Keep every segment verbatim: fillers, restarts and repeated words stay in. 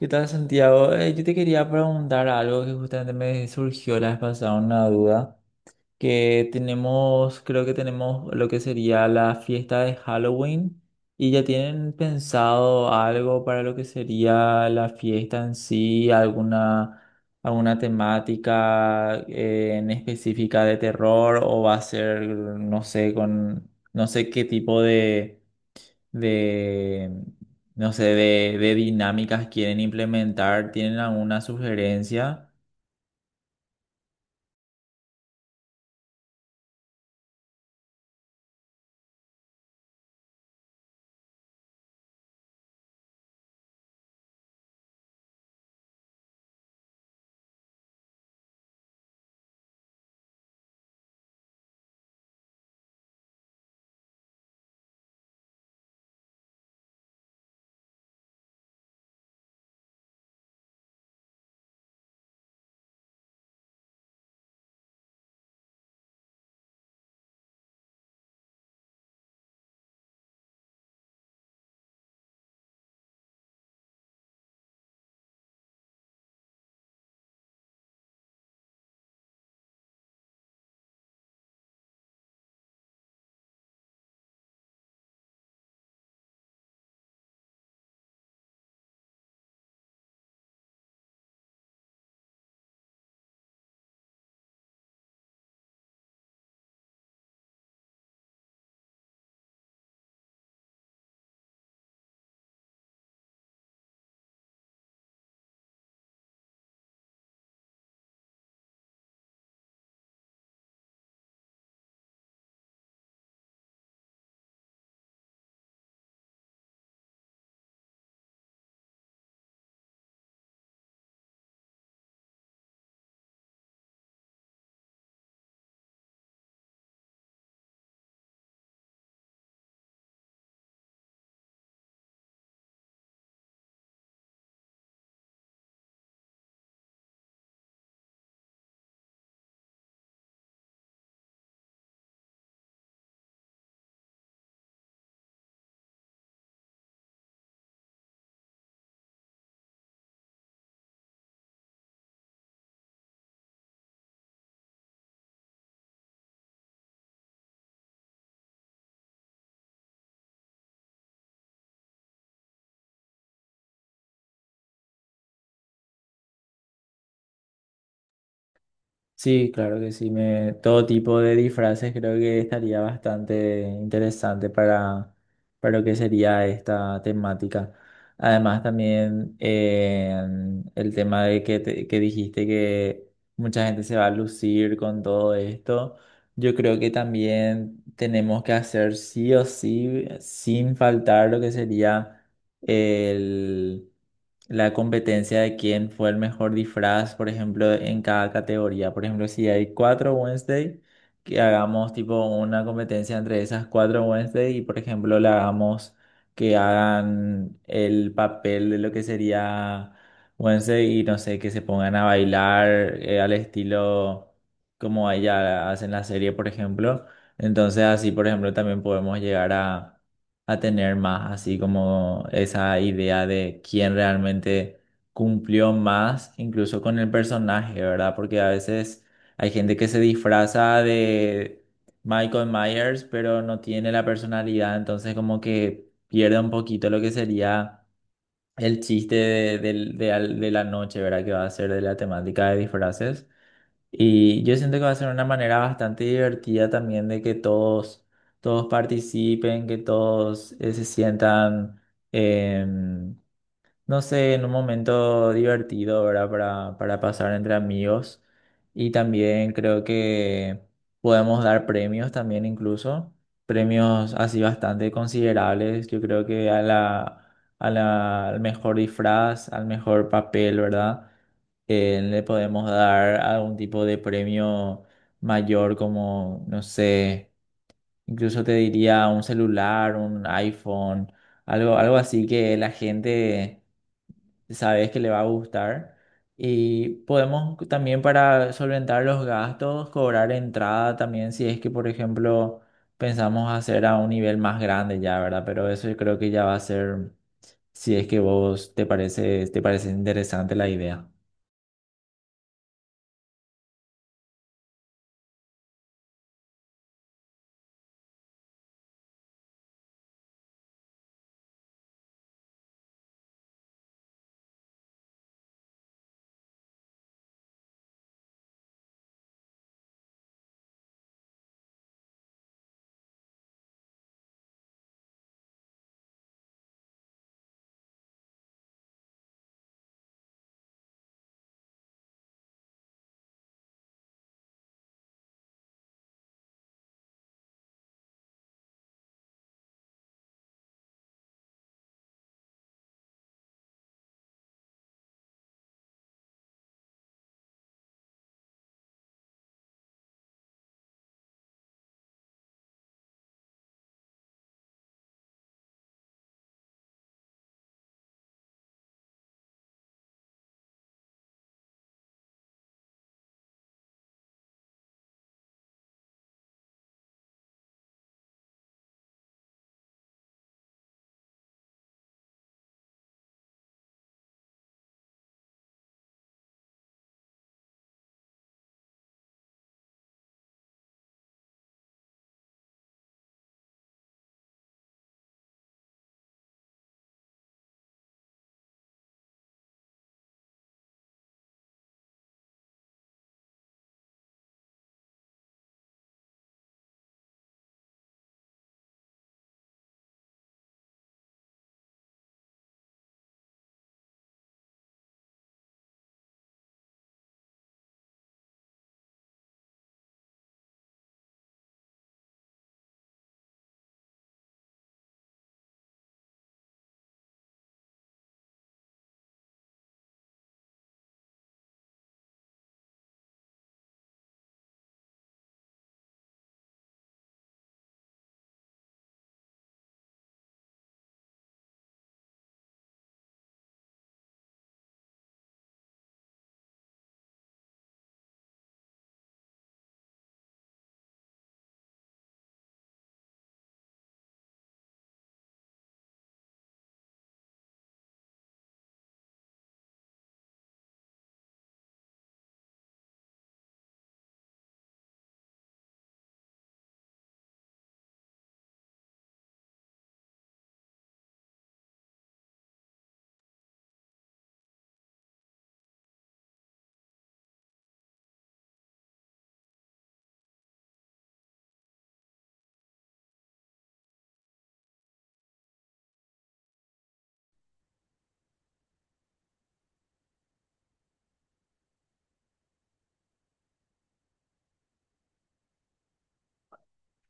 ¿Qué tal, Santiago? Eh, yo te quería preguntar algo que justamente me surgió la vez pasada, una duda, que tenemos, creo que tenemos lo que sería la fiesta de Halloween y ya tienen pensado algo para lo que sería la fiesta en sí, alguna, alguna temática eh, en específica de terror o va a ser, no sé, con, no sé qué tipo de de, no sé, de, de dinámicas quieren implementar? ¿Tienen alguna sugerencia? Sí, claro que sí. Me, todo tipo de disfraces creo que estaría bastante interesante para, para lo que sería esta temática. Además, también eh, el tema de que, te- que dijiste que mucha gente se va a lucir con todo esto. Yo creo que también tenemos que hacer sí o sí, sin faltar lo que sería el la competencia de quién fue el mejor disfraz, por ejemplo, en cada categoría. Por ejemplo, si hay cuatro Wednesday, que hagamos tipo una competencia entre esas cuatro Wednesday y, por ejemplo, le hagamos que hagan el papel de lo que sería Wednesday y no sé, que se pongan a bailar eh, al estilo como ella hace en la serie, por ejemplo. Entonces, así, por ejemplo, también podemos llegar a a tener más así como esa idea de quién realmente cumplió más, incluso con el personaje, ¿verdad? Porque a veces hay gente que se disfraza de Michael Myers, pero no tiene la personalidad, entonces como que pierde un poquito lo que sería el chiste de, del- de al- de la noche, ¿verdad? Que va a ser de la temática de disfraces. Y yo siento que va a ser una manera bastante divertida también de que todos, todos participen, que todos eh, se sientan em, no sé, en un momento divertido, ¿verdad? Para, para pasar entre amigos. Y también creo que podemos dar premios también incluso, premios así bastante considerables. Yo creo que a la, a la, al mejor disfraz, al mejor papel, ¿verdad? Eh, le podemos dar algún tipo de premio mayor como, no sé, incluso te diría un celular, un iPhone, algo, algo así que la gente sabes que le va a gustar. Y podemos también para solventar los gastos, cobrar entrada también si es que, por ejemplo, pensamos hacer a un nivel más grande ya, ¿verdad? Pero eso yo creo que ya va a ser, si es que vos te parece, te parece interesante la idea.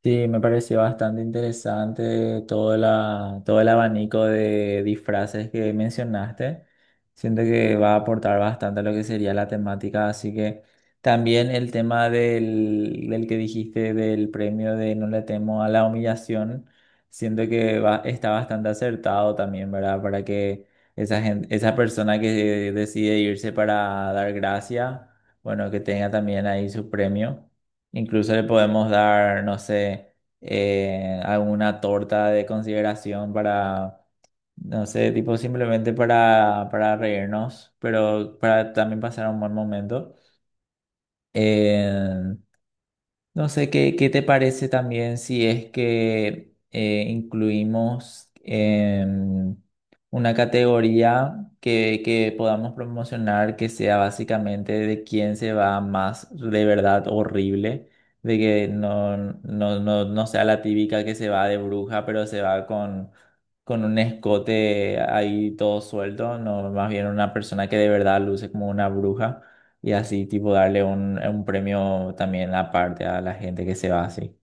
Sí, me pareció bastante interesante todo la, todo el abanico de disfraces que mencionaste. Siento que va a aportar bastante a lo que sería la temática, así que también el tema del, del que dijiste del premio de No le temo a la humillación, siento que va, está bastante acertado también, ¿verdad? Para que esa gente, esa persona que decide irse para dar gracia, bueno, que tenga también ahí su premio. Incluso le podemos dar, no sé, eh, alguna torta de consideración para, no sé, tipo simplemente para, para reírnos, pero para también pasar un buen momento. Eh, no sé qué, qué te parece también si es que eh, incluimos em, una categoría que, que podamos promocionar que sea básicamente de quién se va más de verdad horrible, de que no, no, no, no sea la típica que se va de bruja, pero se va con, con un escote ahí todo suelto, no, más bien una persona que de verdad luce como una bruja. Y así, tipo, darle un, un premio también aparte a la gente que se va así.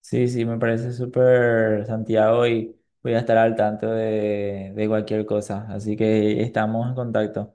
Sí, sí, me parece súper, Santiago, y voy a estar al tanto de, de cualquier cosa. Así que estamos en contacto.